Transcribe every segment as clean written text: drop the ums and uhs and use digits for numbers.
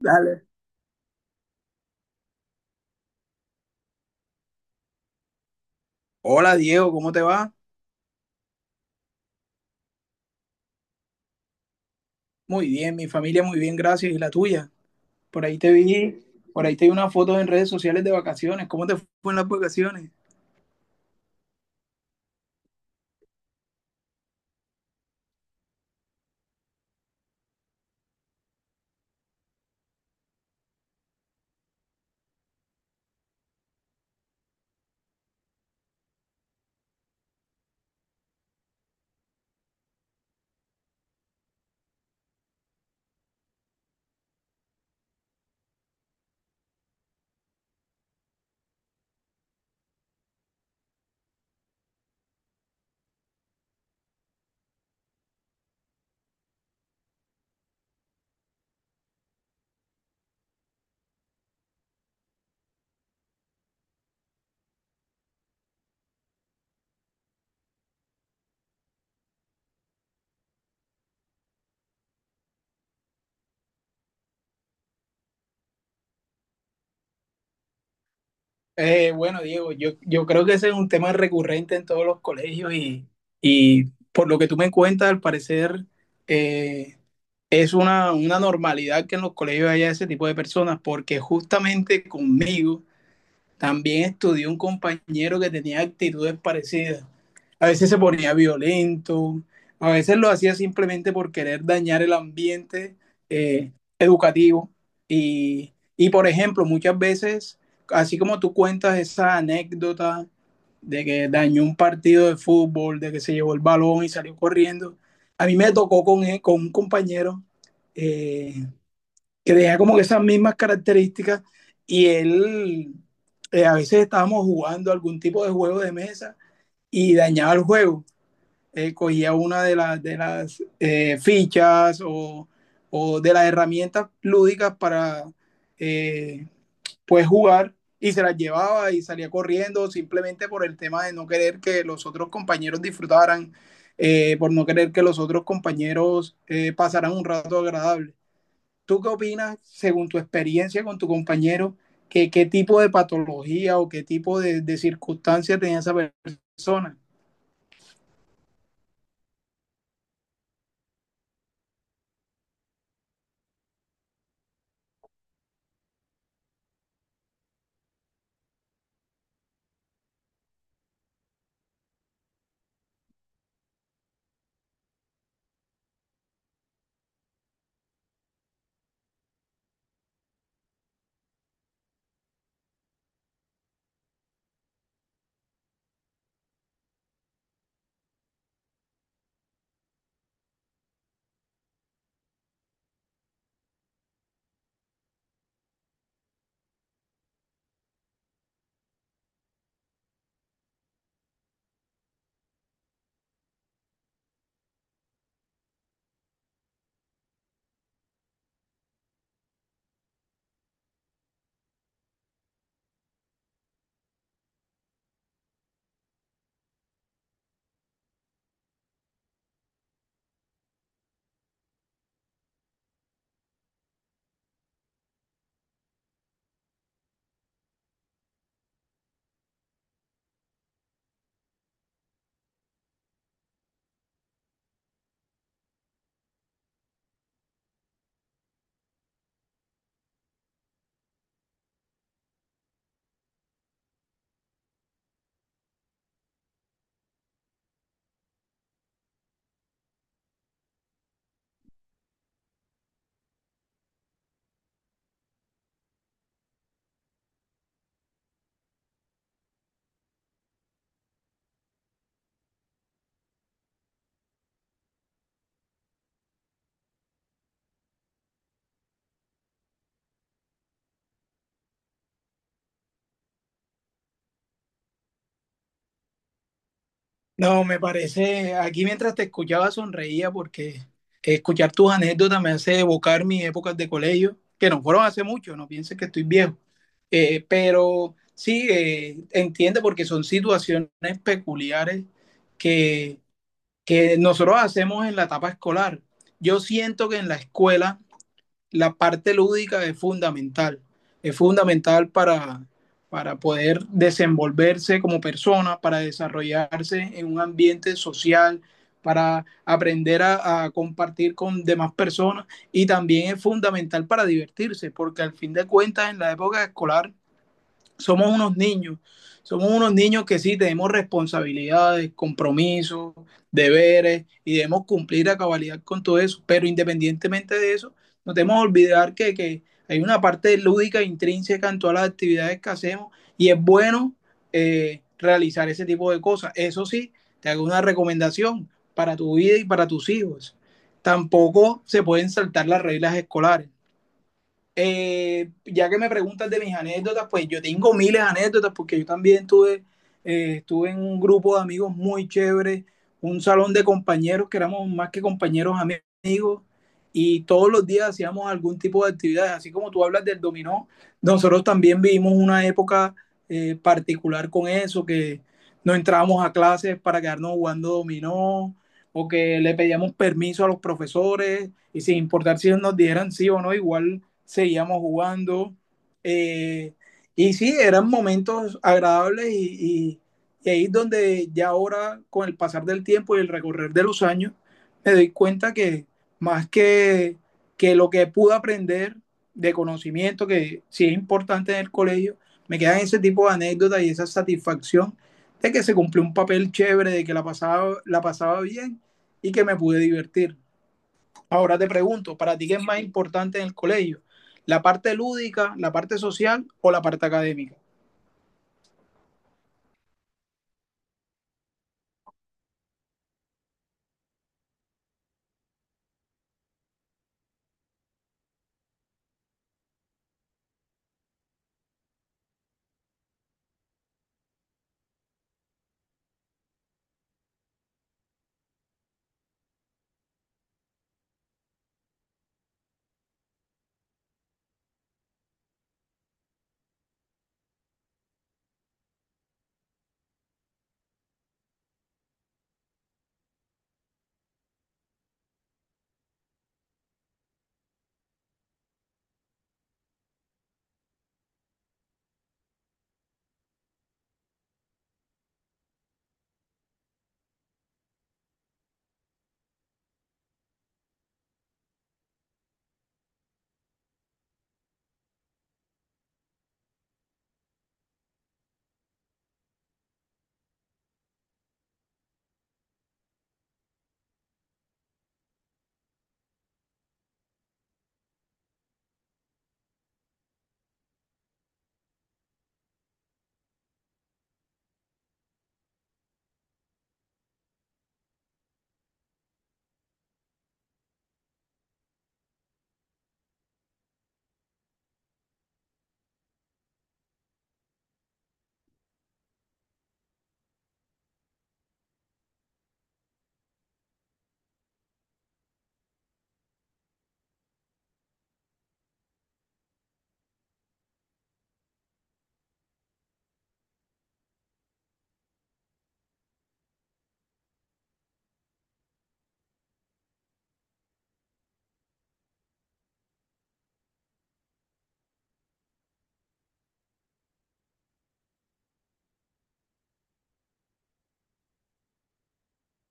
Dale. Hola Diego, ¿cómo te va? Muy bien, mi familia muy bien, gracias. ¿Y la tuya? Por ahí te vi, por ahí te vi una foto en redes sociales de vacaciones. ¿Cómo te fue en las vacaciones? Bueno, Diego, yo creo que ese es un tema recurrente en todos los colegios y, por lo que tú me cuentas, al parecer eh, es una normalidad que en los colegios haya ese tipo de personas, porque justamente conmigo... También estudié un compañero que tenía actitudes parecidas. A veces se ponía violento, a veces lo hacía simplemente por querer dañar el ambiente eh, educativo. Y, por ejemplo, muchas veces, así como tú cuentas esa anécdota de que dañó un partido de fútbol, de que se llevó el balón y salió corriendo, a mí me tocó con, él, con un compañero eh, que tenía como que esas mismas características y él, a veces estábamos jugando algún tipo de juego de mesa y dañaba el juego. Cogía una de las fichas o, de las herramientas lúdicas para eh, pues jugar y se las llevaba y salía corriendo simplemente por el tema de no querer que los otros compañeros disfrutaran, por no querer que los otros compañeros pasaran un rato agradable. ¿Tú qué opinas, según tu experiencia con tu compañero, que, qué tipo de patología o qué tipo de circunstancia tenía esa persona? No, me parece, aquí mientras te escuchaba sonreía porque escuchar tus anécdotas me hace evocar mis épocas de colegio, que no fueron hace mucho, no pienses que estoy viejo. Pero sí, entiende porque son situaciones peculiares que, que nosotros hacemos en la etapa escolar. Yo siento que en la escuela la parte lúdica es fundamental para poder desenvolverse como persona, para desarrollarse en un ambiente social, para aprender a, compartir con demás personas y también es fundamental para divertirse, porque al fin de cuentas en la época escolar somos unos niños, somos unos niños que sí tenemos responsabilidades, compromisos, deberes y debemos cumplir a cabalidad con todo eso, pero independientemente de eso, no debemos olvidar que hay una parte lúdica e intrínseca en todas las actividades que hacemos y es bueno realizar ese tipo de cosas. Eso sí, te hago una recomendación para tu vida y para tus hijos. Tampoco se pueden saltar las reglas escolares. Ya que me preguntas de mis anécdotas, pues yo tengo miles de anécdotas porque yo también tuve, estuve en un grupo de amigos muy chévere, un salón de compañeros que éramos más que compañeros amigos y todos los días hacíamos algún tipo de actividades, así como tú hablas del dominó, nosotros también vivimos una época particular con eso, que no entrábamos a clases para quedarnos jugando dominó o que le pedíamos permiso a los profesores y sin importar si nos dieran sí o no, igual seguíamos jugando. Eh, y sí, eran momentos agradables y ahí es donde ya ahora, con el pasar del tiempo y el recorrer de los años, me doy cuenta que, más que lo que pude aprender de conocimiento, que sí es importante en el colegio, me quedan ese tipo de anécdotas y esa satisfacción de que se cumplió un papel chévere, de que la pasaba bien y que me pude divertir. Ahora te pregunto, ¿para ti qué es más importante en el colegio? ¿La parte lúdica, la parte social o la parte académica?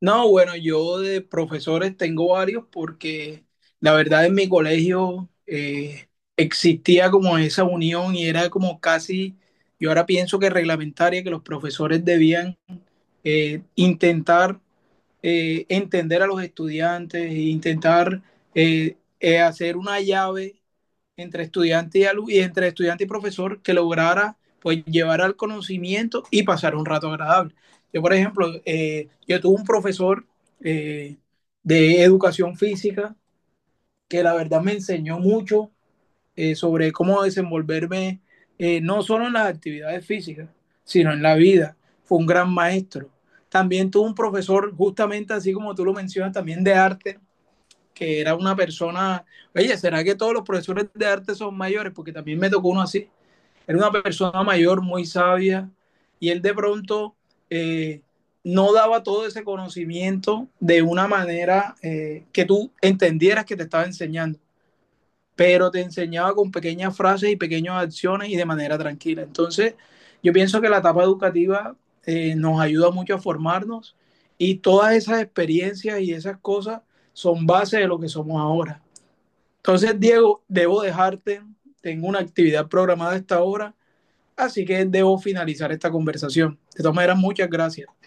No, bueno, yo de profesores tengo varios porque la verdad en mi colegio existía como esa unión y era como casi, yo ahora pienso que reglamentaria, que los profesores debían intentar entender a los estudiantes, e intentar hacer una llave entre estudiante y, alumno y entre estudiante y profesor que lograra pues llevar al conocimiento y pasar un rato agradable. Yo, por ejemplo, yo tuve un profesor eh, de educación física que la verdad me enseñó mucho sobre cómo desenvolverme no solo en las actividades físicas, sino en la vida. Fue un gran maestro. También tuve un profesor, justamente así como tú lo mencionas, también de arte, que era una persona, oye, ¿será que todos los profesores de arte son mayores? Porque también me tocó uno así. Era una persona mayor, muy sabia, y él de pronto eh, no daba todo ese conocimiento de una manera que tú entendieras que te estaba enseñando, pero te enseñaba con pequeñas frases y pequeñas acciones y de manera tranquila. Entonces, yo pienso que la etapa educativa nos ayuda mucho a formarnos y todas esas experiencias y esas cosas son base de lo que somos ahora. Entonces, Diego, debo dejarte, tengo una actividad programada a esta hora, así que debo finalizar esta conversación. De todas maneras, muchas gracias.